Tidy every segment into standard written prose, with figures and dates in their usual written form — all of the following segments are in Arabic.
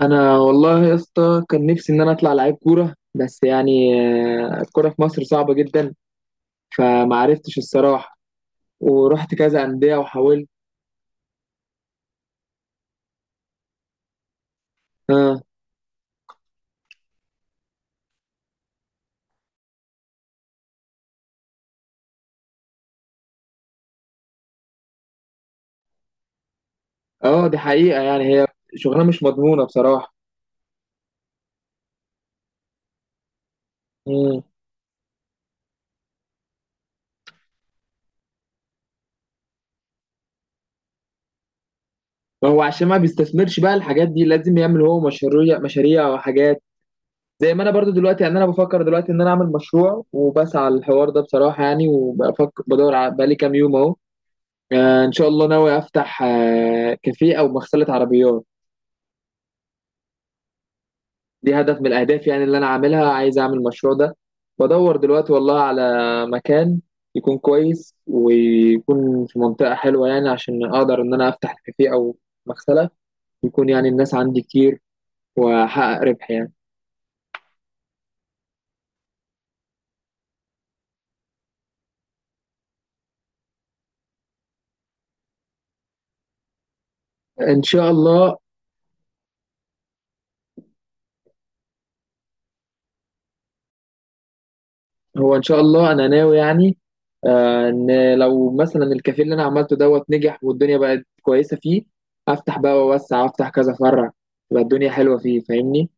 انا والله يا اسطى كان نفسي ان انا اطلع لعيب كوره، بس يعني الكوره في مصر صعبه جدا. فما عرفتش الصراحه، ورحت كذا انديه وحاولت. اه، اه دي حقيقه يعني، هي شغلانه مش مضمونه بصراحه. امم، ما هو عشان ما بيستثمرش بقى الحاجات دي، لازم يعمل هو مشاريع مشاريع وحاجات. زي ما انا برضو دلوقتي، يعني انا بفكر دلوقتي ان انا اعمل مشروع وبسعى على الحوار ده بصراحه يعني، وبفكر بدور بقالي كام يوم اهو. ان شاء الله ناوي افتح كافيه او مغسله عربيات. دي هدف من الأهداف يعني اللي أنا عاملها، عايز أعمل المشروع ده. بدور دلوقتي والله على مكان يكون كويس ويكون في منطقة حلوة، يعني عشان أقدر إن أنا أفتح كافيه أو مغسلة، يكون يعني الناس عندي كتير وأحقق ربح يعني. إن شاء الله. هو إن شاء الله أنا ناوي إن لو مثلا الكافيه اللي أنا عملته دوت نجح والدنيا بقت كويسة فيه، أفتح بقى وأوسع وأفتح كذا فرع، تبقى الدنيا حلوة فيه فاهمني.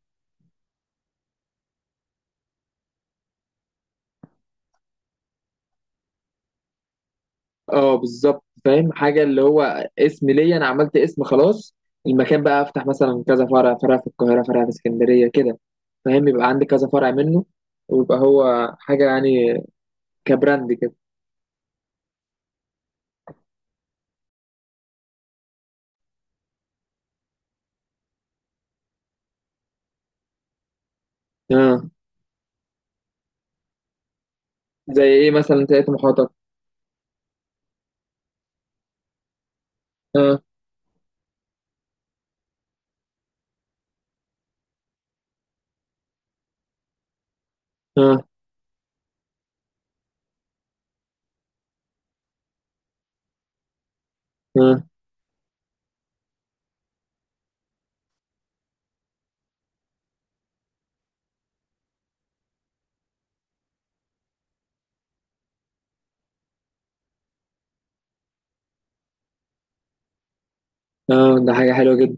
اه بالظبط فاهم حاجه، اللي هو اسم ليا، انا عملت اسم خلاص. المكان بقى افتح مثلا كذا فرع، فرع في القاهره فرع في اسكندريه كده، فاهم، يبقى عندي كذا فرع منه، ويبقى هو حاجه يعني كبراند كده. اه، زي ايه مثلا تلاقي محاطك. اه، اه، اه، اه ده حاجه حلوه جدا.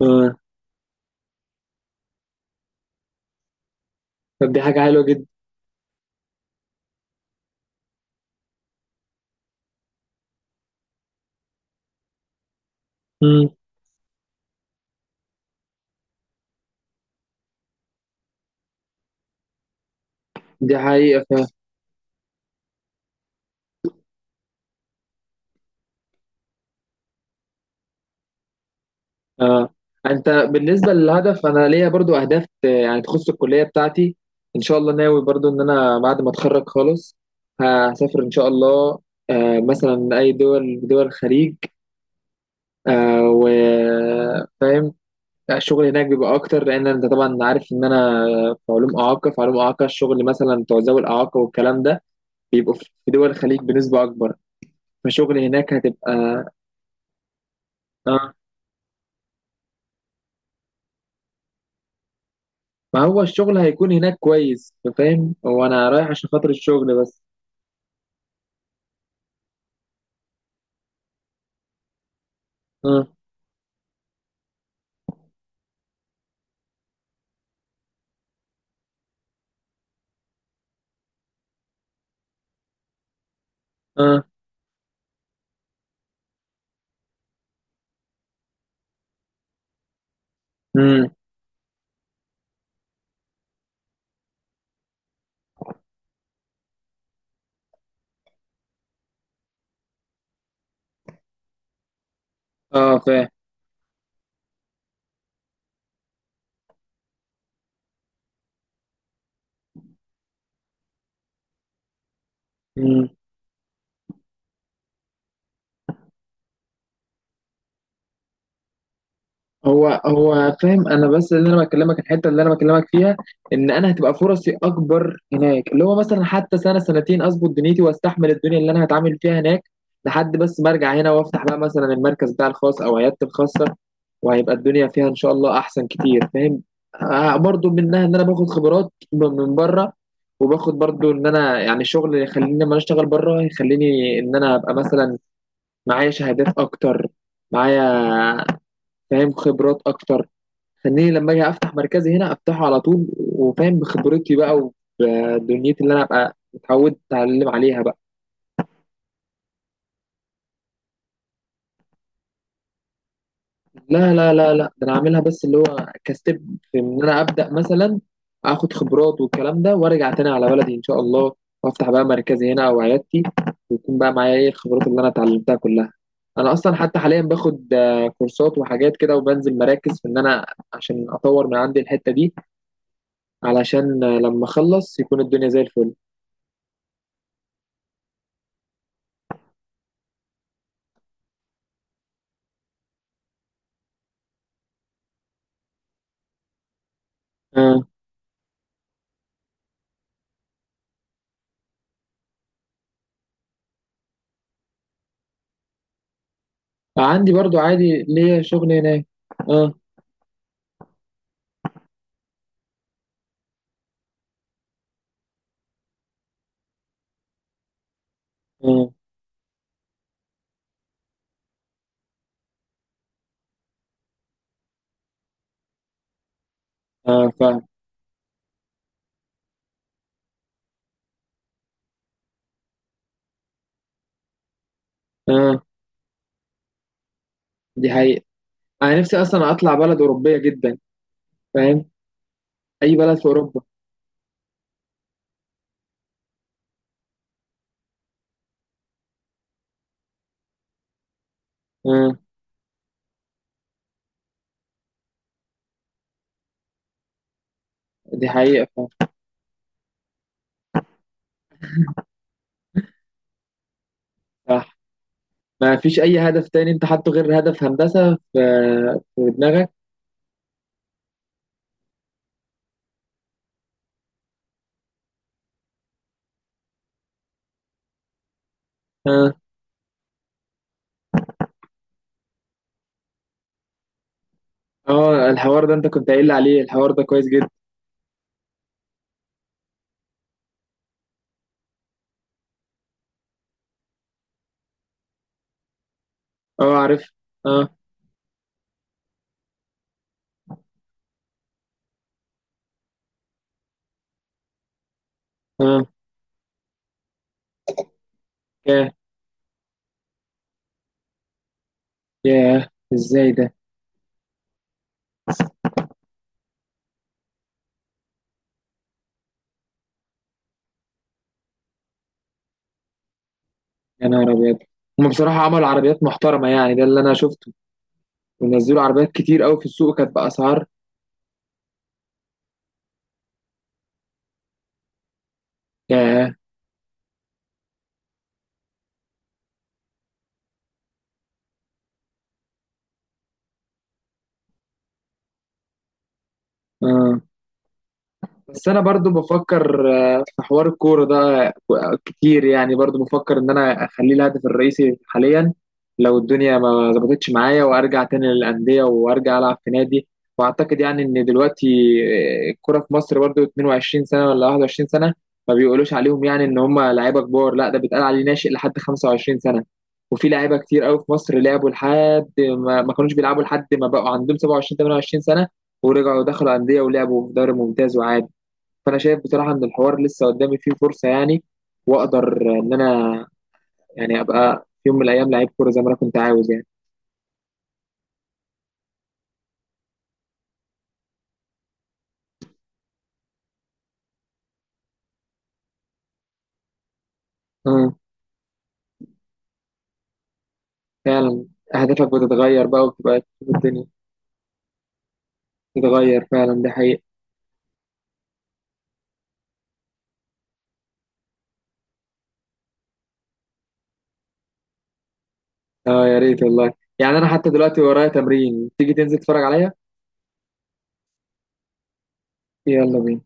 اه. طب دي حاجه حلوه جدا. امم. دي حقيقه. اه. انت بالنسبه للهدف، انا ليا برضو اهداف يعني تخص الكليه بتاعتي. ان شاء الله ناوي برضو ان انا بعد ما اتخرج خالص هسافر ان شاء الله، مثلا اي دول الخليج، وفاهم الشغل هناك بيبقى اكتر، لان انت طبعا عارف ان انا في علوم اعاقه الشغل مثلا بتوع ذوي الاعاقه والكلام ده بيبقوا في دول الخليج بنسبه اكبر، فشغل هناك هتبقى آه، ما هو الشغل هيكون هناك كويس فاهم، هو انا رايح عشان خاطر الشغل بس. اه. اه. امم. اه فاهم. هو فاهم انا، بس اللي انا بكلمك الحته اللي انا بكلمك فيها، ان انا هتبقى فرصي اكبر هناك، اللي هو مثلا حتى سنه سنتين اظبط دنيتي واستحمل الدنيا اللي انا هتعامل فيها هناك، لحد بس ما ارجع هنا وافتح بقى مثلا المركز بتاع الخاص او عيادتي الخاصه، وهيبقى الدنيا فيها ان شاء الله احسن كتير فاهم. آه برضو منها ان انا باخد من بره، وباخد برضو ان انا يعني الشغل اللي يخليني لما أنا اشتغل بره يخليني ان انا ابقى مثلا معايا شهادات اكتر، معايا فاهم خبرات اكتر، خليني لما اجي افتح مركزي هنا افتحه على طول وفاهم بخبرتي بقى، وبدنيتي اللي انا ابقى اتعودت اتعلم عليها بقى. لا لا لا لا، ده انا عاملها بس اللي هو كستيب، في ان انا ابدا مثلا اخد خبرات والكلام ده وارجع تاني على بلدي ان شاء الله، وافتح بقى مركزي هنا او عيادتي، ويكون بقى معايا ايه الخبرات اللي انا اتعلمتها كلها. انا اصلا حتى حاليا باخد كورسات وحاجات كده وبنزل مراكز، في ان انا عشان اطور من عندي الحتة دي، علشان لما اخلص يكون الدنيا زي الفل. عندي برضو عادي ليا شغل هناك. اه. اه. اه فاهم. اه. دي حقيقة. انا نفسي اصلا اطلع بلد اوروبية جدا فاهم، اي بلد في اوروبا. اه دي حقيقة فاهم. صح. ما فيش اي هدف تاني انت حاطه غير هدف هندسة في في دماغك؟ اه. اه الحوار ده انت كنت قايل لي عليه، الحوار ده كويس جدا. اه عارف. اه. اه. ياه. ياه، ازاي ده؟ يا نهار ابيض. هما بصراحة عملوا عربيات محترمة يعني، ده اللي انا شفته، ونزلوا عربيات كتير قوي في السوق كانت بأسعار. ياه. آه، بس انا برضو بفكر في حوار الكوره ده كتير يعني، برضو بفكر ان انا اخليه الهدف الرئيسي حاليا، لو الدنيا ما ظبطتش معايا، وارجع تاني للانديه وارجع العب في نادي. واعتقد يعني ان دلوقتي الكوره في مصر برضو 22 سنه ولا 21 سنه ما بيقولوش عليهم يعني ان هم لعيبه كبار، لا ده بيتقال عليه ناشئ لحد 25 سنه. وفي لعيبه كتير قوي في مصر لعبوا لحد ما كانوش بيلعبوا لحد ما بقوا عندهم 27 28 سنه، ورجعوا دخلوا انديه ولعبوا في دوري ممتاز وعادي. فانا شايف بصراحه ان الحوار لسه قدامي فيه فرصه يعني، واقدر ان انا يعني ابقى في يوم من الايام لعيب كوره زي ما انا كنت عاوز يعني. اه فعلا. اهدافك بتتغير بقى وبتبقى تشوف الدنيا بتتغير فعلا، ده حقيقي. اه يا ريت والله، يعني انا حتى دلوقتي ورايا تمرين، تيجي تنزل تتفرج عليا. يلا بينا.